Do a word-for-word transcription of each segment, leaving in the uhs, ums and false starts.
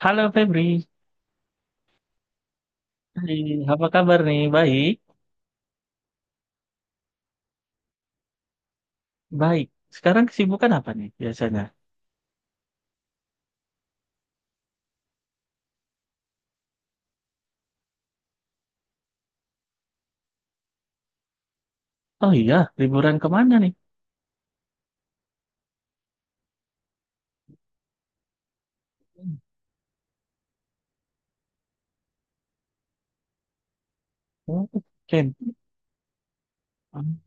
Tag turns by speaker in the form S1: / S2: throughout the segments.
S1: Halo Febri. Hai, apa kabar nih? Baik, baik. Sekarang kesibukan apa nih biasanya? Oh iya, liburan kemana nih? Oh, Ken. Hmm,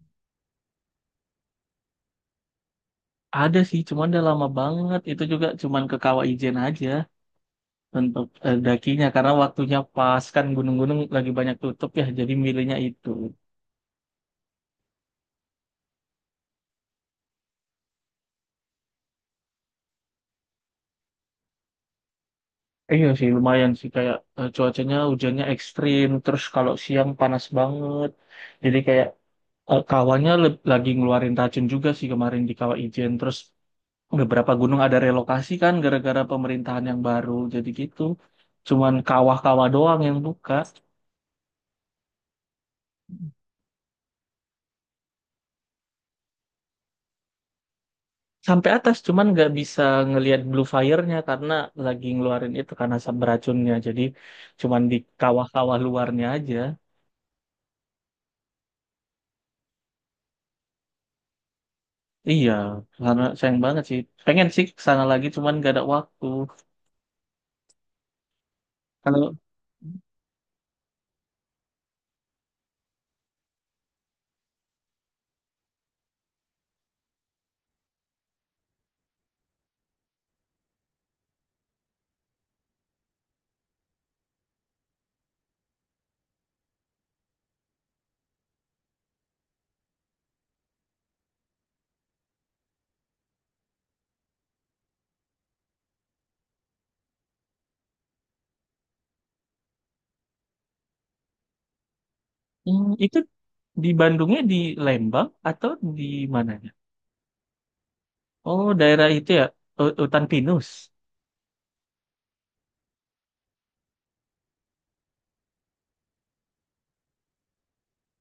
S1: ada sih, cuman udah lama banget. Itu juga cuman ke Kawaijen aja untuk eh, dakinya karena waktunya pas kan gunung-gunung lagi banyak tutup ya, jadi milihnya itu. Iya sih, lumayan sih kayak eh, cuacanya hujannya ekstrim, terus kalau siang panas banget. Jadi kayak eh, kawannya le- lagi ngeluarin racun juga sih kemarin di Kawaijen. Terus beberapa gunung ada relokasi kan gara-gara pemerintahan yang baru, jadi gitu, cuman kawah-kawah doang yang buka sampai atas. Cuman nggak bisa ngelihat blue fire-nya karena lagi ngeluarin itu karena asap beracunnya, jadi cuman di kawah-kawah luarnya aja. Iya, karena sayang banget sih, pengen sih ke sana lagi cuman nggak ada waktu. Kalau hmm, itu di Bandungnya, di Lembang atau di mananya? Oh, daerah itu ya, hu- hutan pinus.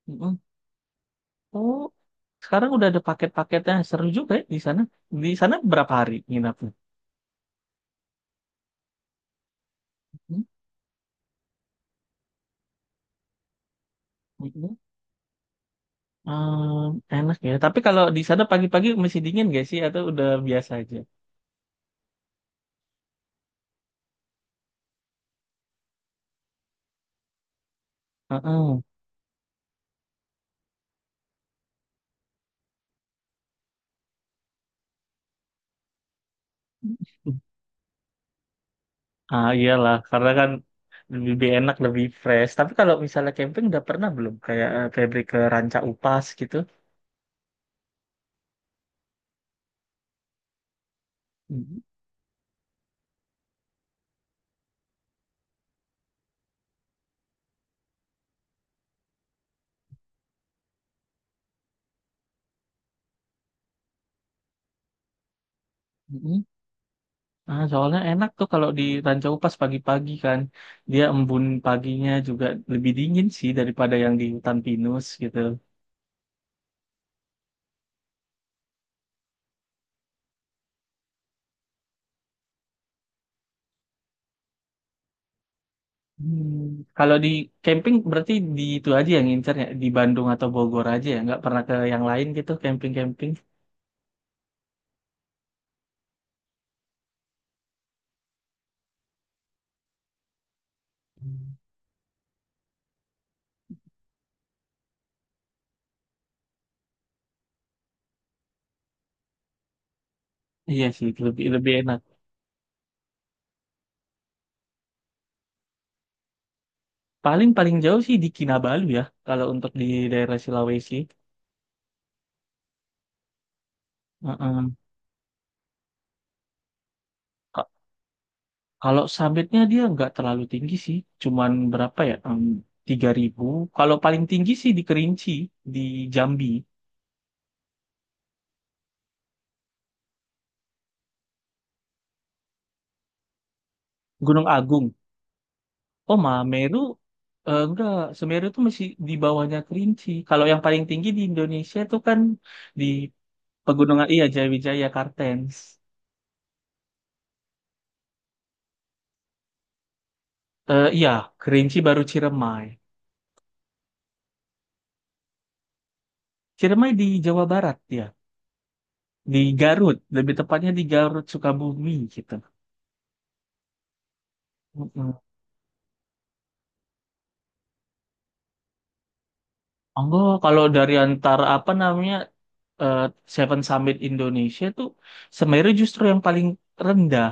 S1: Mm-mm. Oh, sekarang udah ada paket-paketnya seru juga ya di sana. Di sana berapa hari nginapnya? Hmm, hmm. Ehm, Enak ya. Tapi kalau di sana pagi-pagi masih dingin gak sih atau udah biasa aja? Heeh. Ah iyalah, karena kan lebih enak, lebih fresh. Tapi kalau misalnya camping udah pernah belum? Kayak eh, pergi ke Ranca Upas gitu. Mhm, mhm. Ah, soalnya enak tuh kalau di Ranca Upas pagi-pagi kan. Dia embun paginya juga lebih dingin sih daripada yang di hutan pinus gitu. Hmm. Kalau di camping berarti di itu aja yang ngincernya di Bandung atau Bogor aja ya, nggak pernah ke yang lain gitu camping-camping. Iya sih, lebih lebih enak. Paling paling jauh sih di Kinabalu ya, kalau untuk di daerah Sulawesi. Heeh. Ka- Kalau sabitnya dia nggak terlalu tinggi sih, cuman berapa ya? Mmm, Tiga ribu. Kalau paling tinggi sih di Kerinci, di Jambi, Gunung Agung. Oh, Mameru, eh, enggak, Semeru itu masih di bawahnya Kerinci. Kalau yang paling tinggi di Indonesia itu kan di pegunungan, iya Jayawijaya Kartens. Eh, iya, Kerinci baru Ciremai. Ciremai di Jawa Barat ya, di Garut, lebih tepatnya di Garut Sukabumi gitu. Mm-mm. Enggak, kalau dari antara apa namanya eh, Seven Summit Indonesia tuh Semeru justru yang paling rendah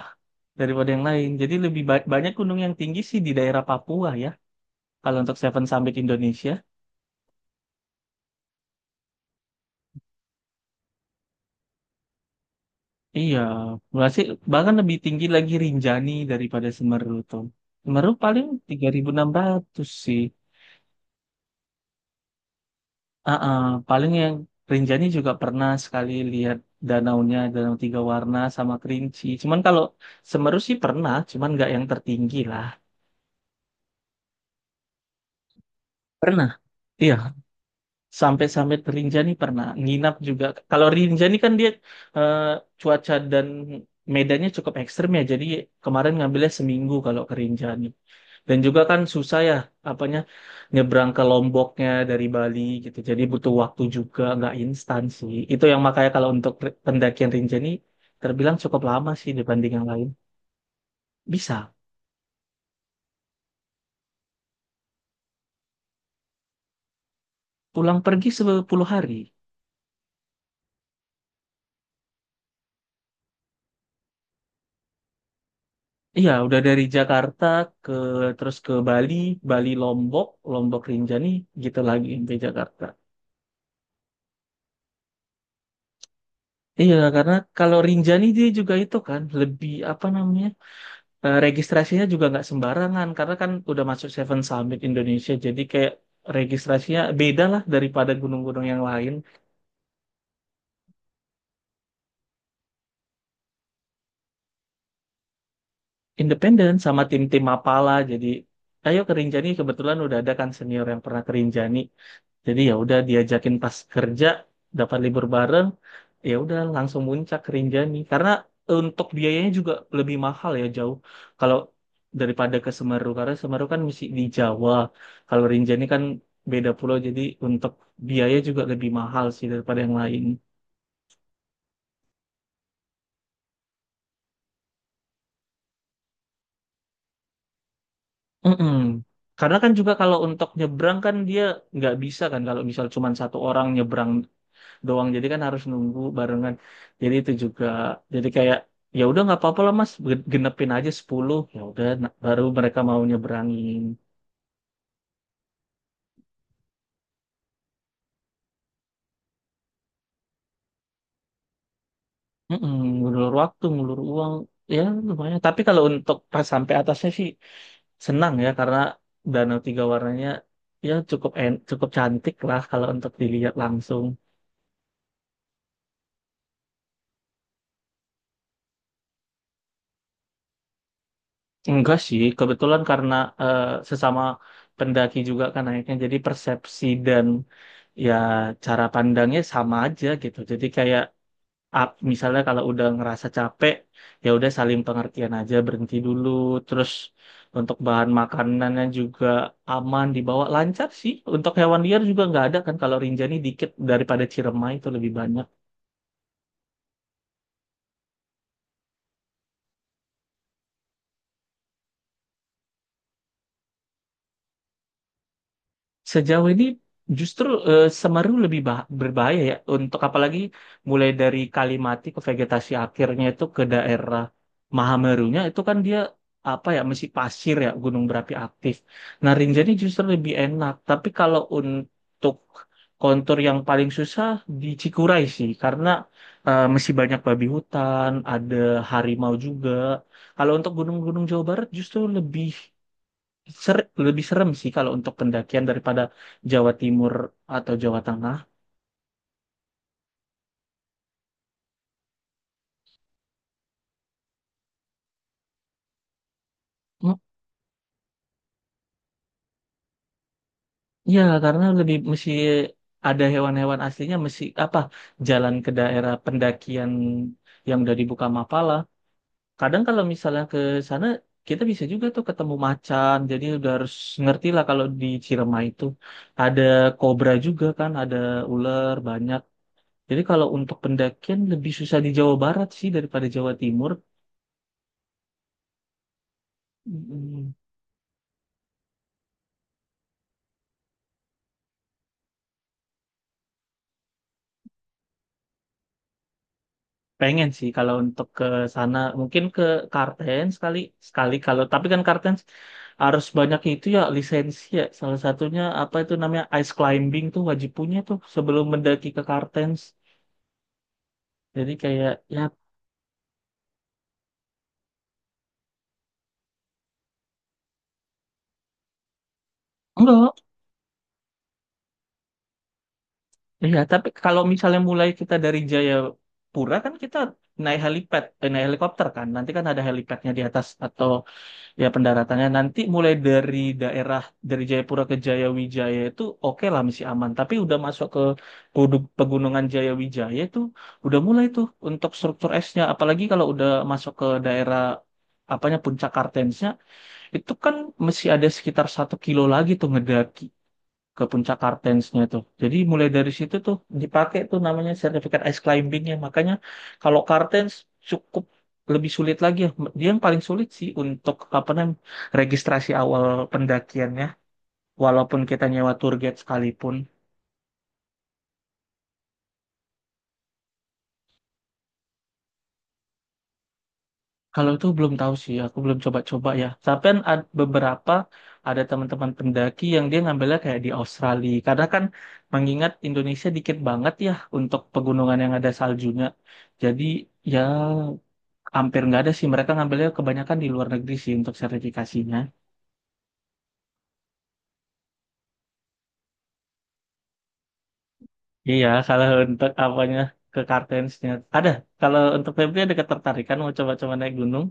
S1: daripada yang lain. Jadi lebih ba- banyak gunung yang tinggi sih di daerah Papua ya. Kalau untuk Seven Summit Indonesia, iya, masih bahkan lebih tinggi lagi Rinjani daripada Semeru tuh. Semeru paling tiga ribu enam ratus sih. Ah, ah, paling yang Rinjani juga pernah sekali lihat danaunya, danau tiga warna sama Kerinci. Cuman kalau Semeru sih pernah, cuman nggak yang tertinggi lah. Pernah, iya. Sampai-sampai Rinjani pernah. Nginap juga. Kalau Rinjani kan dia eh, cuaca dan medannya cukup ekstrem ya. Jadi kemarin ngambilnya seminggu kalau ke Rinjani. Dan juga kan susah ya, apanya nyebrang ke Lomboknya dari Bali gitu. Jadi butuh waktu juga, nggak instan sih. Itu yang makanya kalau untuk re- pendakian Rinjani terbilang cukup lama sih dibanding yang lain. Bisa pulang pergi sepuluh hari. Iya, udah dari Jakarta ke, terus ke Bali, Bali Lombok, Lombok Rinjani, gitu lagi sampai Jakarta. Iya, karena kalau Rinjani dia juga itu kan lebih apa namanya? Eh, registrasinya juga nggak sembarangan karena kan udah masuk Seven Summit Indonesia, jadi kayak registrasinya beda lah daripada gunung-gunung yang lain. Independen sama tim-tim Mapala, jadi ayo ke Rinjani. Kebetulan udah ada kan senior yang pernah ke Rinjani. Jadi ya udah diajakin pas kerja dapat libur bareng, ya udah langsung muncak ke Rinjani karena untuk biayanya juga lebih mahal ya, jauh kalau daripada ke Semeru karena Semeru kan masih di Jawa. Kalau Rinjani kan beda pulau, jadi untuk biaya juga lebih mahal sih daripada yang lain. Mm-mm. Karena kan juga kalau untuk nyebrang kan dia nggak bisa kan kalau misal cuma satu orang nyebrang doang. Jadi kan harus nunggu barengan, jadi itu juga, jadi kayak ya udah nggak apa-apa lah, mas, Ge- genepin aja sepuluh, ya udah, na- baru mereka mau nyeberangin. Mm-mm. Ngulur waktu ngulur uang ya lumayan, tapi kalau untuk pas sampai atasnya sih senang ya karena danau tiga warnanya ya cukup en cukup cantik lah kalau untuk dilihat langsung. Enggak sih, kebetulan karena eh, sesama pendaki juga kan naiknya, jadi persepsi dan ya cara pandangnya sama aja gitu. Jadi kayak up- misalnya kalau udah ngerasa capek, ya udah saling pengertian aja, berhenti dulu. Terus untuk bahan makanannya juga aman dibawa, lancar sih. Untuk hewan liar juga nggak ada kan kalau Rinjani, dikit daripada Ciremai itu lebih banyak. Sejauh ini justru eh, Semeru lebih bah- berbahaya ya, untuk apalagi mulai dari Kalimati ke vegetasi akhirnya itu ke daerah Mahamerunya, itu kan dia apa ya masih pasir ya, gunung berapi aktif. Nah, Rinjani justru lebih enak. Tapi kalau untuk kontur yang paling susah di Cikuray sih karena eh, masih banyak babi hutan, ada harimau juga. Kalau untuk gunung-gunung Jawa Barat justru lebih Ser- lebih serem sih kalau untuk pendakian daripada Jawa Timur atau Jawa Tengah. Mm. Ya, karena lebih mesti ada hewan-hewan aslinya, mesti apa jalan ke daerah pendakian yang udah dibuka Mapala. Kadang kalau misalnya ke sana kita bisa juga tuh ketemu macan. Jadi udah harus ngerti lah, kalau di Cirema itu ada kobra juga kan, ada ular banyak. Jadi kalau untuk pendakian lebih susah di Jawa Barat sih daripada Jawa Timur. Mm. Pengen sih kalau untuk ke sana, mungkin ke Kartens sekali sekali. Kalau tapi kan Kartens harus banyak itu ya lisensi ya. Salah satunya apa itu namanya ice climbing tuh wajib punya tuh sebelum mendaki ke Kartens. Jadi kayak ya enggak. Iya, tapi kalau misalnya mulai kita dari Jayapura kan kita naik helipad, eh, naik helikopter kan. Nanti kan ada helipadnya di atas atau ya pendaratannya nanti mulai dari daerah, dari Jayapura ke Jayawijaya itu oke lah, masih aman. Tapi udah masuk ke Kudu- pegunungan Jayawijaya itu udah mulai tuh untuk struktur esnya. Apalagi kalau udah masuk ke daerah apanya Puncak Kartensnya itu kan masih ada sekitar satu kilo lagi tuh ngedaki ke puncak Kartensnya tuh. Jadi mulai dari situ tuh dipakai tuh namanya sertifikat ice climbingnya. Makanya kalau Kartens cukup lebih sulit lagi ya. Dia yang paling sulit sih untuk apa namanya registrasi awal pendakiannya. Walaupun kita nyewa tour guide sekalipun. Kalau itu belum tahu sih, aku belum coba-coba ya. Tapi kan ad- beberapa ada teman-teman pendaki yang dia ngambilnya kayak di Australia. Karena kan mengingat Indonesia dikit banget ya untuk pegunungan yang ada saljunya. Jadi ya hampir nggak ada sih, mereka ngambilnya kebanyakan di luar negeri sih untuk sertifikasinya. Iya, kalau untuk apanya ke kartensnya ada. Kalau untuk Febri ada ketertarikan mau coba-coba naik gunung?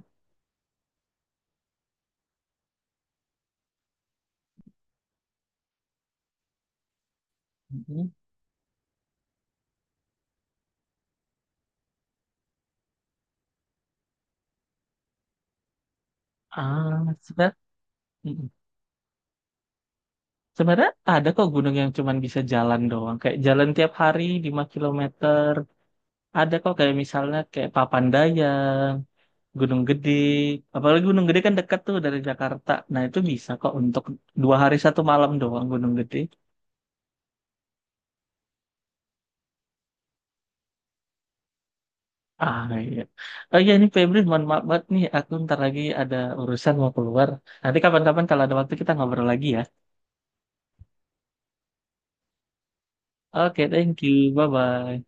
S1: Mhm. Ah, sebenarnya sebenarnya ada kok gunung yang cuman bisa jalan doang kayak jalan tiap hari lima kilometer. Ada kok, kayak misalnya kayak Papandayan, Gunung Gede. Apalagi Gunung Gede kan dekat tuh dari Jakarta, nah itu bisa kok untuk dua hari satu malam doang Gunung Gede. Ah iya. Oh iya nih Febri, mohon maaf banget nih. Aku ntar lagi ada urusan mau keluar. Nanti kapan-kapan kalau ada waktu kita ngobrol lagi ya. Oke, thank you. Bye-bye.